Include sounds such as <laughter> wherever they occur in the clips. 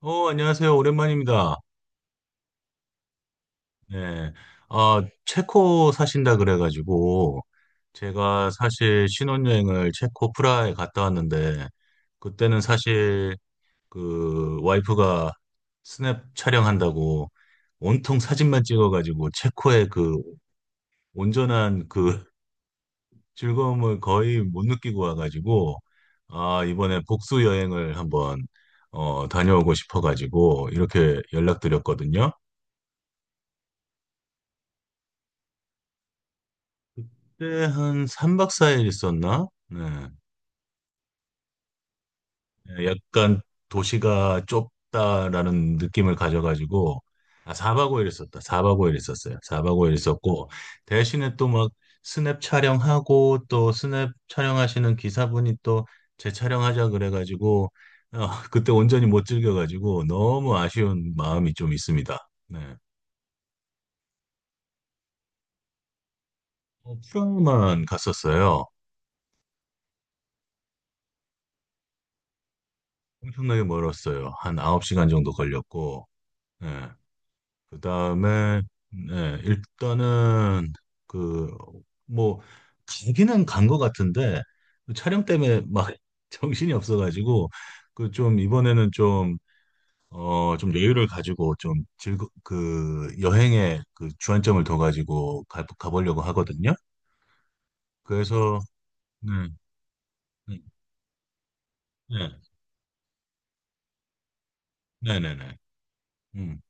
안녕하세요. 오랜만입니다. 네. 아, 체코 사신다 그래가지고, 제가 사실 신혼여행을 체코 프라하에 갔다 왔는데, 그때는 사실 그 와이프가 스냅 촬영한다고 온통 사진만 찍어가지고, 체코의 그 온전한 그 <laughs> 즐거움을 거의 못 느끼고 와가지고, 아, 이번에 복수 여행을 한번, 다녀오고 싶어가지고, 이렇게 연락드렸거든요. 그때 한 3박 4일 있었나? 네. 네, 약간 도시가 좁다라는 느낌을 가져가지고, 아, 4박 5일 있었다. 4박 5일 있었어요. 4박 5일 있었고, 대신에 또 막 스냅 촬영하고, 또 스냅 촬영하시는 기사분이 또 재촬영하자 그래가지고, 어, <laughs> 그때 온전히 못 즐겨가지고, 너무 아쉬운 마음이 좀 있습니다. 네. 프라하만 갔었어요. 엄청나게 멀었어요. 한 9시간 정도 걸렸고, 예. 그 다음에, 네, 일단은, 그, 뭐, 가기는 간 것 같은데, 그 촬영 때문에 막 <laughs> 정신이 없어가지고, 그 좀, 이번에는 좀, 좀 여유를 가지고, 좀 즐거, 그, 여행에 그 주안점을 둬가지고 가보려고 하거든요. 그래서, 네, 네, 네, 네, 네, 네. 음.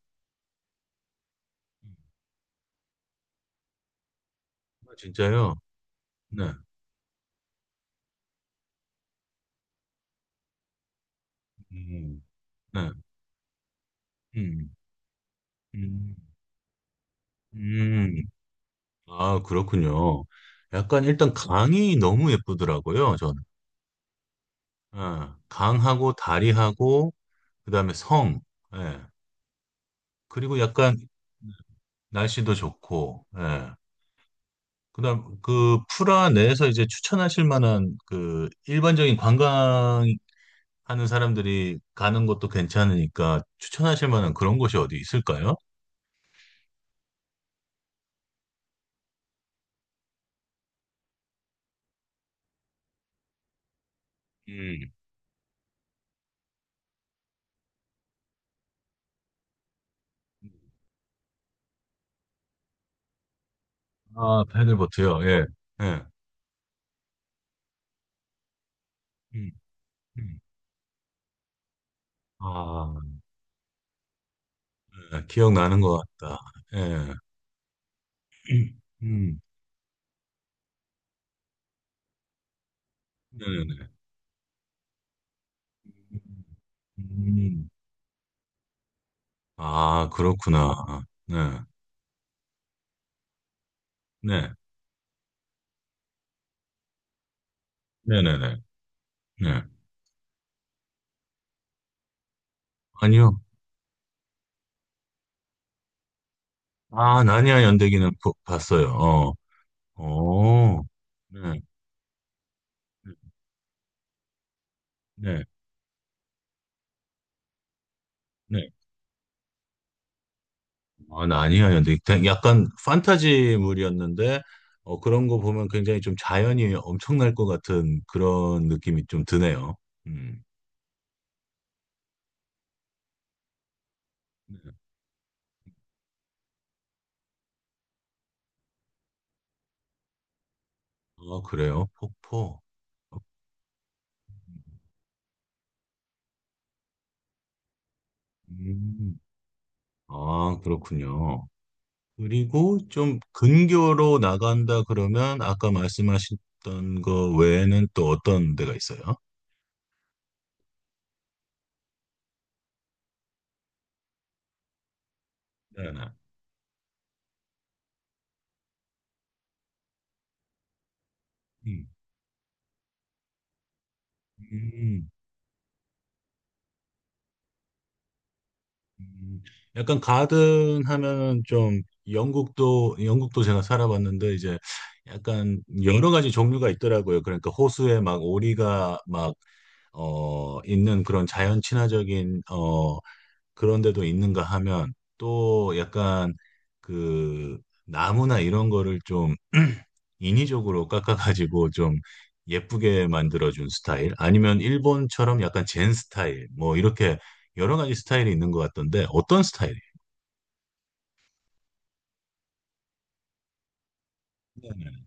아, 진짜요? 네, 음, 네, 음, 음, 음. 아, 그렇군요. 약간 일단 강이 너무 예쁘더라고요, 저는. 예, 강하고 다리하고 그다음에 성. 예. 그리고 약간 날씨도 좋고. 예. 그다음 그 프라 내에서 이제 추천하실 만한 그 일반적인 관광하는 사람들이 가는 것도 괜찮으니까 추천하실 만한 그런 곳이 어디 있을까요? 음. 아, 패들보트요. 예. 예. 음, 음. 아, 예, 기억나는 것 같다. 예. 음, 음, 네네네. 음, 아, 그렇구나. 네, 네, 네네네. 네. 아니요. 아, 나니아 연대기는 봤어요. 어, 네, 네, 네. 네. 아, 나니아 연대기. 약간 판타지물이었는데, 그런 거 보면 굉장히 좀 자연이 엄청날 것 같은 그런 느낌이 좀 드네요. 음, 네. 아, 그래요? 폭포. 음, 아, 그렇군요. 그리고 좀 근교로 나간다 그러면 아까 말씀하셨던 거 외에는 또 어떤 데가 있어요? 네네. 음, 음, 음. 약간 가든 하면은 좀 영국도 제가 살아봤는데 이제 약간 여러 가지 종류가 있더라고요. 그러니까 호수에 막 오리가 막 있는 그런 자연 친화적인 그런데도 있는가 하면 또 약간 그 나무나 이런 거를 좀 <clears throat> 인위적으로 깎아가지고 좀 예쁘게 만들어준 스타일 아니면 일본처럼 약간 젠 스타일 뭐 이렇게 여러 가지 스타일이 있는 것 같던데 어떤 스타일이에요? 네네.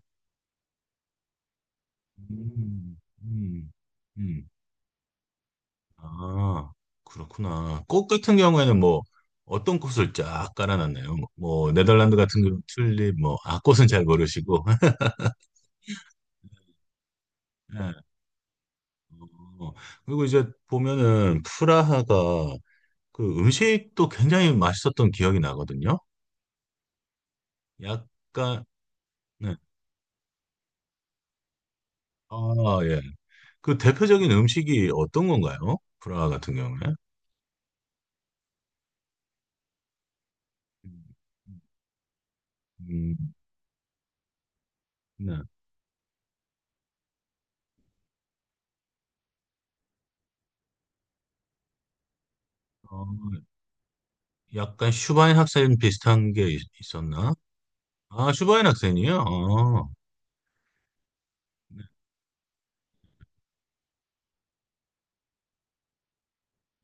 음, 음, 음. 아, 그렇구나. 꽃 같은 경우에는 뭐 어떤 꽃을 쫙 깔아놨나요? 뭐 네덜란드 같은 경우 튤립 뭐 아 꽃은 잘 모르시고 <laughs> 어, 그리고 이제 보면은 프라하가 그 음식도 굉장히 맛있었던 기억이 나거든요. 약간 네. 아, 예. 그 대표적인 음식이 어떤 건가요? 프라하 같은 경우에? 음, 음, 네. 어, 약간 슈바인 학생 비슷한 게 있, 었나 아, 슈바인 학생이요? 네.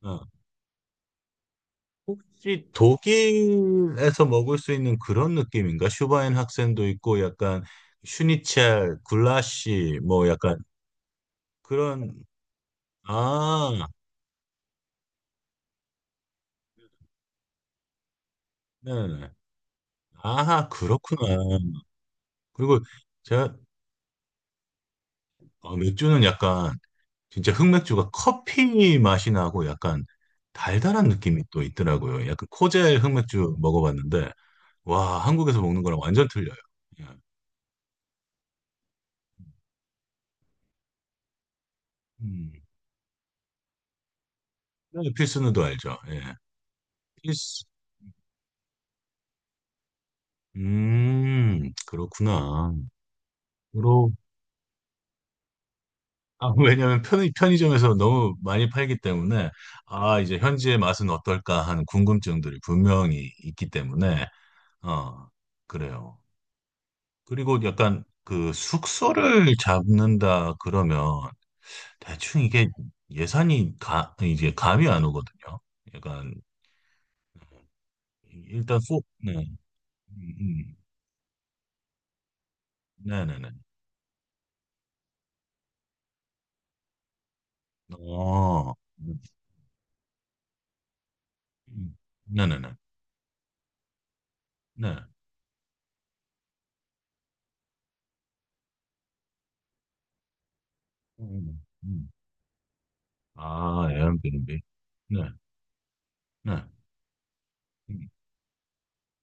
아, 혹시 독일에서 먹을 수 있는 그런 느낌인가? 슈바인 학생도 있고 약간 슈니첼, 굴라시 뭐 약간 그런 아, 네. 아, 그렇구나. 그리고 제가 맥주는 약간 진짜 흑맥주가 커피 맛이 나고 약간 달달한 느낌이 또 있더라고요. 약간 코젤 흑맥주 먹어봤는데 와, 한국에서 먹는 거랑 완전 틀려요. 예. 음, 네, 필스누도 알죠? 예. 필스. 그렇구나. 주로, 아, <laughs> 왜냐면 편의점에서 너무 많이 팔기 때문에, 아, 이제 현지의 맛은 어떨까 하는 궁금증들이 분명히 있기 때문에, 어, 그래요. 그리고 약간 그 숙소를 잡는다 그러면 대충 이게 예산이 이제 감이 안 오거든요. 약간, 일단 네. 음, 음. 네네네. 어, 음, 음. 네네 네. 네. 음. 음. 음. 아, 에어비앤비. 네, 네.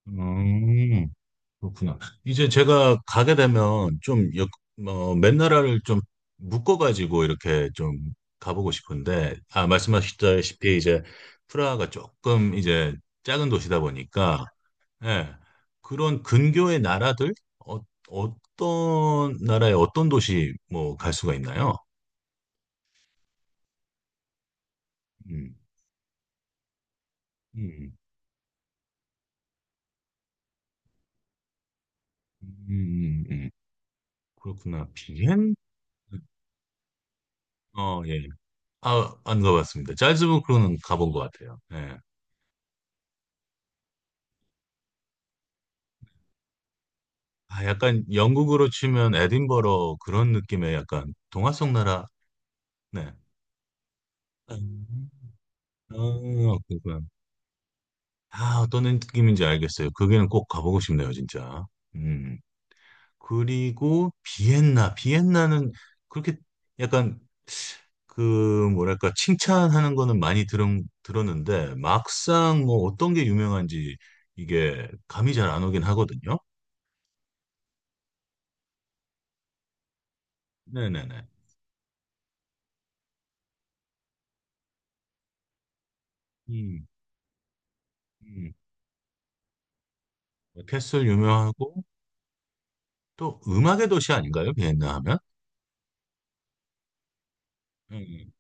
음, 그렇구나. 이제 제가 가게 되면 좀, 맨 나라를 좀 묶어가지고 이렇게 좀 가보고 싶은데, 아, 말씀하셨다시피 이제 프라하가 조금 이제 작은 도시다 보니까, 예, 그런 근교의 나라들, 어, 어떤 나라의 어떤 도시 뭐 갈 수가 있나요? 음, 음, 음, 음, 음. 그렇구나. 비엔? 예. 아, 안 가봤습니다. 짤즈부크는 가본 것 같아요. 예. 아, 약간 영국으로 치면 에딘버러 그런 느낌의 약간 동화 속 나라. 네. 음. 그렇구나. 아, 어떤 느낌인지 알겠어요. 거기는 꼭 가보고 싶네요, 진짜. 음. 그리고 비엔나. 비엔나는 그렇게 약간 그 뭐랄까 칭찬하는 거는 많이 들 들었는데 막상 뭐 어떤 게 유명한지 이게 감이 잘 안 오긴 하거든요. 네네네. 음, 음. 캐슬 유명하고 또 음악의 도시 아닌가요? 비엔나 하면? 음, 음.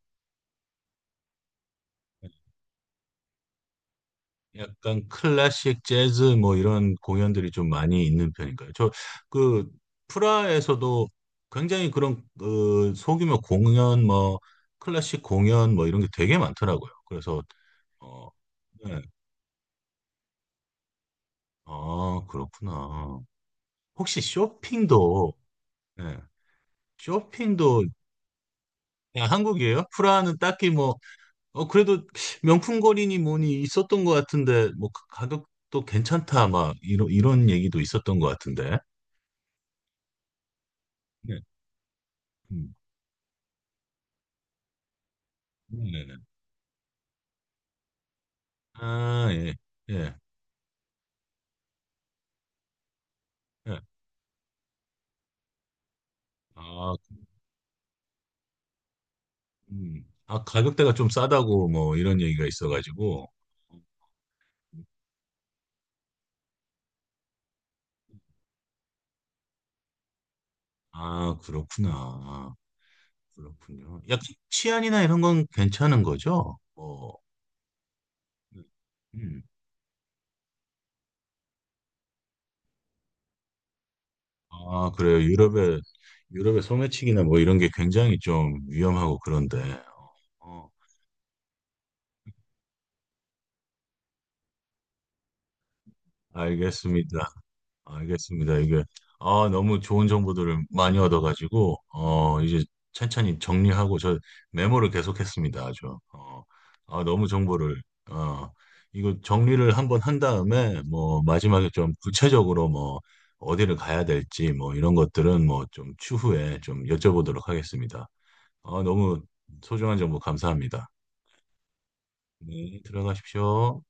약간 클래식 재즈 뭐 이런 공연들이 좀 많이 있는 편인가요? 저 그 프라하에서도 굉장히 그런 그 소규모 공연 뭐 클래식 공연 뭐 이런 게 되게 많더라고요. 그래서 어, 네. 아, 그렇구나. 혹시 쇼핑도 네. 쇼핑도 그냥 한국이에요? 프라하는 딱히 뭐 그래도 명품거리니 뭐니 있었던 것 같은데, 뭐, 그 가격도 괜찮다, 막, 이런 얘기도 있었던 것 같은데. 네. 음. 네네네. 아, 예, 예, 예. 아, 아, 가격대가 좀 싸다고, 뭐, 이런 얘기가 있어가지고. 아, 그렇구나. 아, 그렇군요. 약간 치안이나 이런 건 괜찮은 거죠? 뭐, 음. 아, 그래요. 유럽의 소매치기나 뭐 이런 게 굉장히 좀 위험하고 그런데. 어. 알겠습니다. 알겠습니다. 이게 아 너무 좋은 정보들을 많이 얻어가지고 이제 천천히 정리하고 저 메모를 계속했습니다. 아주 아 너무 정보를 어 이거 정리를 한번 한 다음에 뭐 마지막에 좀 구체적으로 뭐 어디를 가야 될지 뭐 이런 것들은 뭐 좀 추후에 좀 여쭤보도록 하겠습니다. 아 너무 소중한 정보 감사합니다. 네, 들어가십시오.